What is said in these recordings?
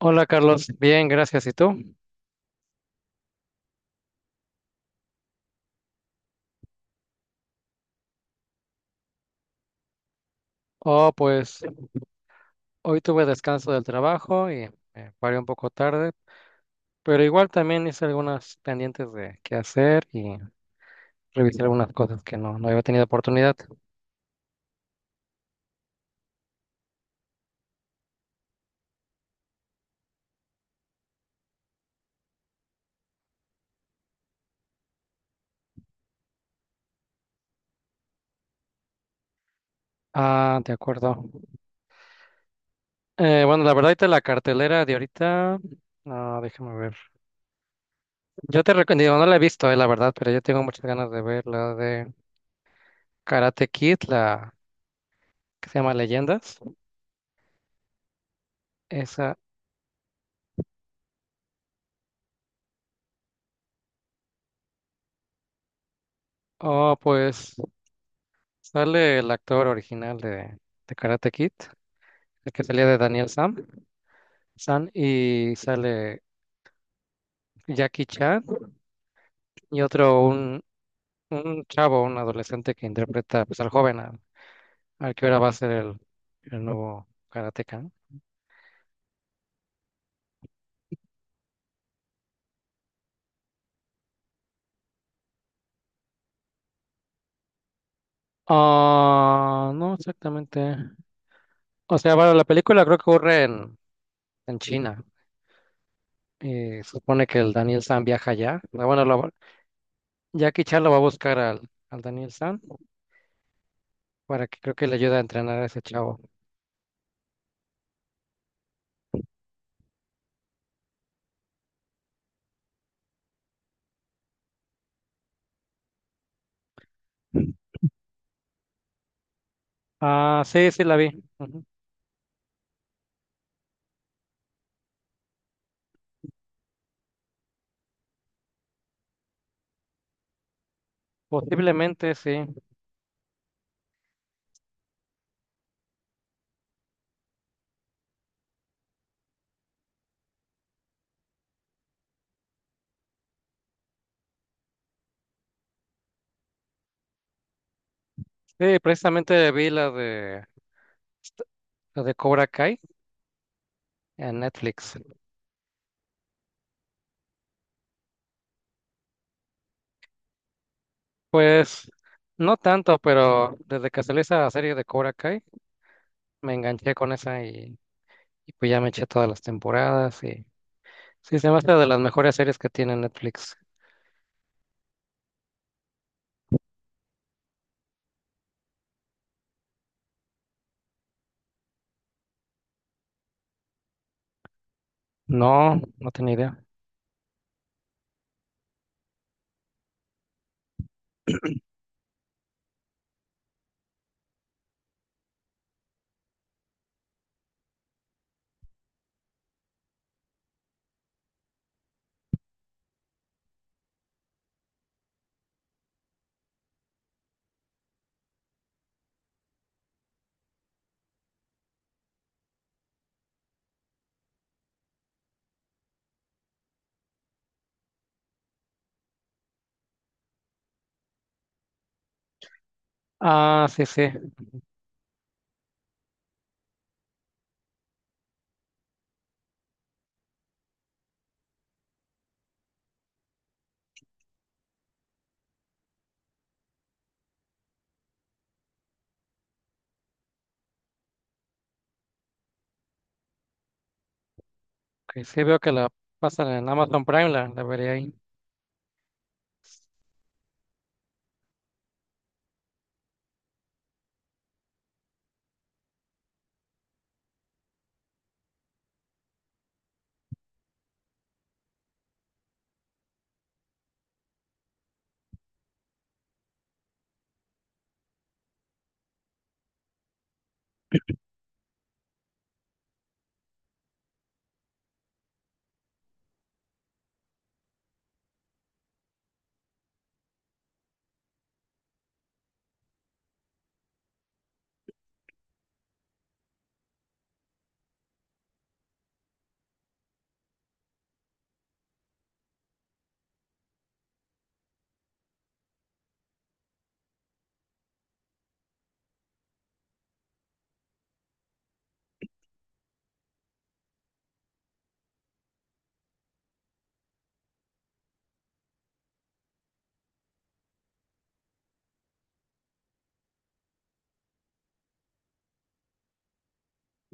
Hola Carlos, bien, gracias. ¿Y tú? Oh, pues hoy tuve descanso del trabajo y me paré un poco tarde, pero igual también hice algunas pendientes de qué hacer y revisé algunas cosas que no había tenido oportunidad. Ah, de acuerdo. Bueno, la verdad, ahorita la cartelera de ahorita, no, déjame ver. Yo te recomiendo, no la he visto, la verdad, pero yo tengo muchas ganas de ver la de Karate Kid, la que se llama Leyendas. Esa, oh, pues. Sale el actor original de Karate Kid, el que salía de Daniel Sam, San, y sale Jackie Chan y otro, un chavo, un adolescente que interpreta pues, al joven, al, al que ahora va a ser el nuevo karateka, ¿no? Ah, no exactamente. O sea, bueno, la película creo que ocurre en China y supone que el Daniel San viaja allá. Ah, bueno, Jackie Chan lo va a buscar al Daniel San para que creo que le ayude a entrenar a ese chavo. Ah, sí, sí la vi. Ujú. Posiblemente, sí. Sí, precisamente la de Cobra Kai en Netflix. Pues no tanto, pero desde que salió esa serie de Cobra Kai, me enganché con esa y pues ya me eché todas las temporadas y sí, se me hace de las mejores series que tiene Netflix. No, no tenía idea. Ah, sí, sí. Ok, sí veo que la pasan en Amazon Prime, la veré ahí.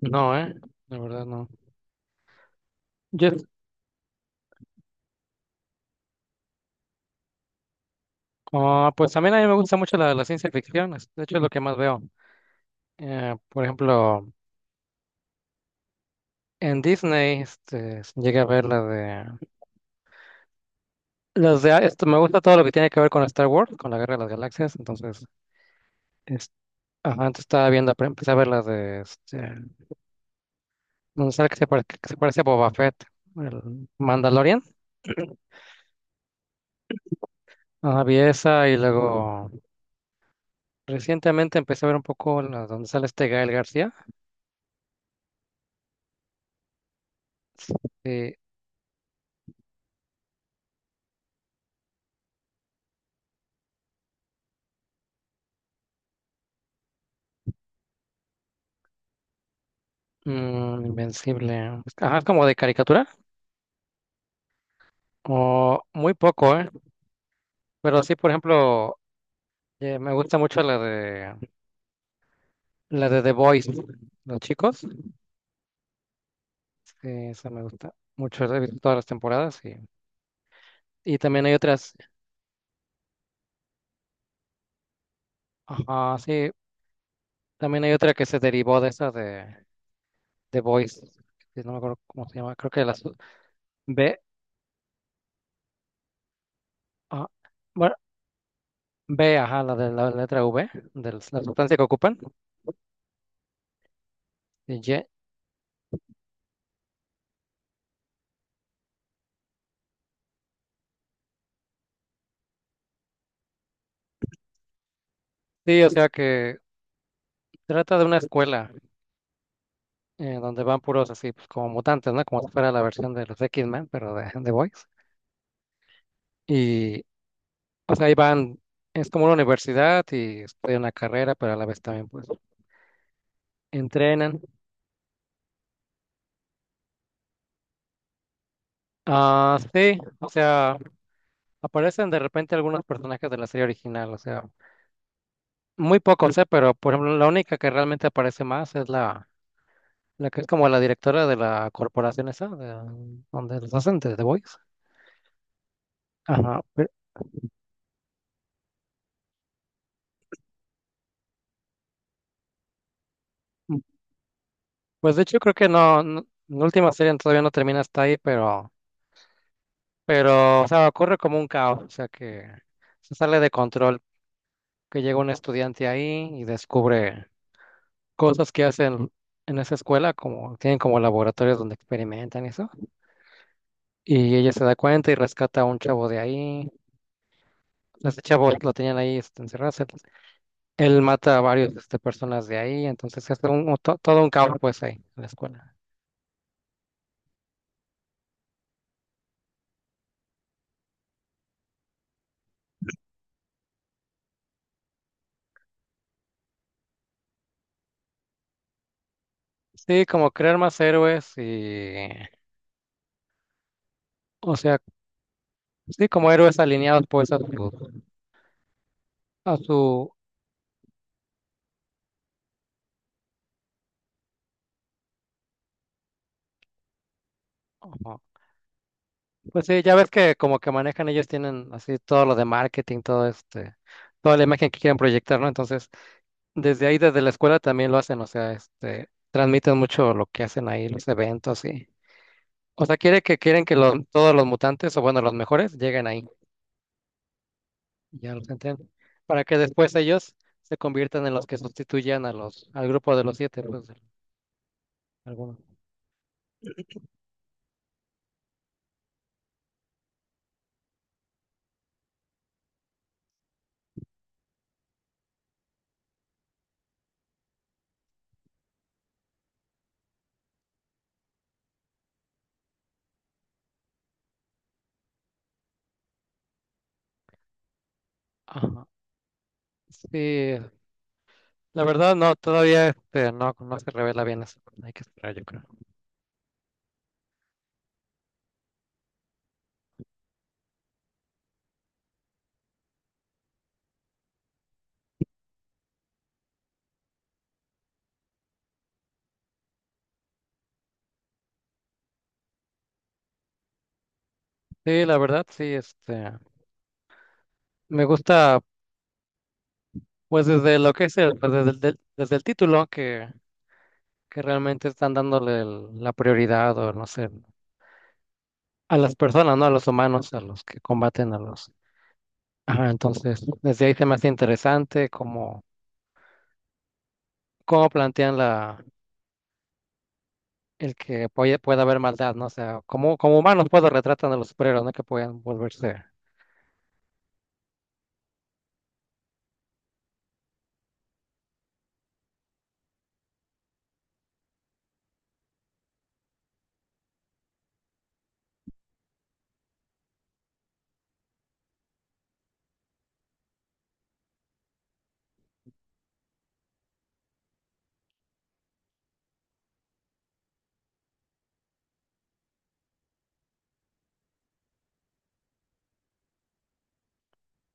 No, la verdad no. Yo ah, pues también a mí me gusta mucho la ciencia ficción, de hecho es lo que más veo. Por ejemplo, en Disney este, llegué a ver la de... Las de esto, me gusta todo lo que tiene que ver con Star Wars, con la Guerra de las Galaxias, entonces... es- ajá, antes estaba viendo, pero empecé a ver las de... Este, donde sale que se parece a Boba Fett, el Mandalorian. Ajá, vi esa y luego recientemente empecé a ver un poco la, donde sale este Gael García. eh, Invencible. Ajá, es como de caricatura. O muy poco, ¿eh? Pero sí, por ejemplo, me gusta mucho la de The Boys, los chicos. Sí, esa me gusta mucho. He visto todas las temporadas y también hay otras. Ajá, sí. También hay otra que se derivó de esa de The Boys, que no me acuerdo cómo se llama. Creo que la su- B. Ah, bueno, B, ajá, la de la letra V, de la sustancia que ocupan. Y Ye- Sí, o sea que trata de una escuela. Donde van puros así, pues como mutantes, ¿no? Como si fuera la versión de los X-Men, pero de The Boys. Y o sea, ahí van, es como una universidad y estudian la carrera, pero a la vez también pues entrenan. Ah, sí, o sea, aparecen de repente algunos personajes de la serie original, o sea, muy pocos, ¿eh? Pero, por ejemplo, la única que realmente aparece más es la que es como la directora de la corporación esa, donde los hacen de The Boys. Ajá. Pues de hecho creo que la última serie todavía no termina hasta ahí, pero o sea, ocurre como un caos, o sea, que se sale de control, que llega un estudiante ahí y descubre cosas que hacen en esa escuela, como tienen como laboratorios donde experimentan y eso. Y ella se da cuenta y rescata a un chavo de ahí. Ese chavo lo tenían ahí este, encerrado. Él mata a varios este, personas de ahí, entonces es todo un caos pues ahí en la escuela. Sí, como crear más héroes y, o sea, sí, como héroes alineados pues a su, Pues sí, ya ves que como que manejan ellos tienen así todo lo de marketing, todo este, toda la imagen que quieren proyectar, ¿no? Entonces, desde ahí, desde la escuela también lo hacen, o sea, este, transmiten mucho lo que hacen ahí, los eventos y, o sea, quieren que los, todos los mutantes, o bueno, los mejores, lleguen ahí, ya los entrenan, para que después ellos se conviertan en los que sustituyan a los, al grupo de los siete, pues, alguno. Ajá. Sí, la verdad no, todavía este, no se revela bien eso, hay que esperar, yo creo. Sí, la verdad, sí, este, me gusta, pues desde lo que es el, pues, desde el título, que realmente están dándole la prioridad, o no sé, a las personas, ¿no? A los humanos, a los que combaten a los. Ajá, entonces, desde ahí se me hace interesante cómo, cómo plantean la, el que pueda haber maldad, ¿no? O sea, como, como humanos, puedo retratan a los superhéroes, ¿no? Que pueden volverse.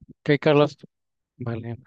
Ok, Carlos, vale.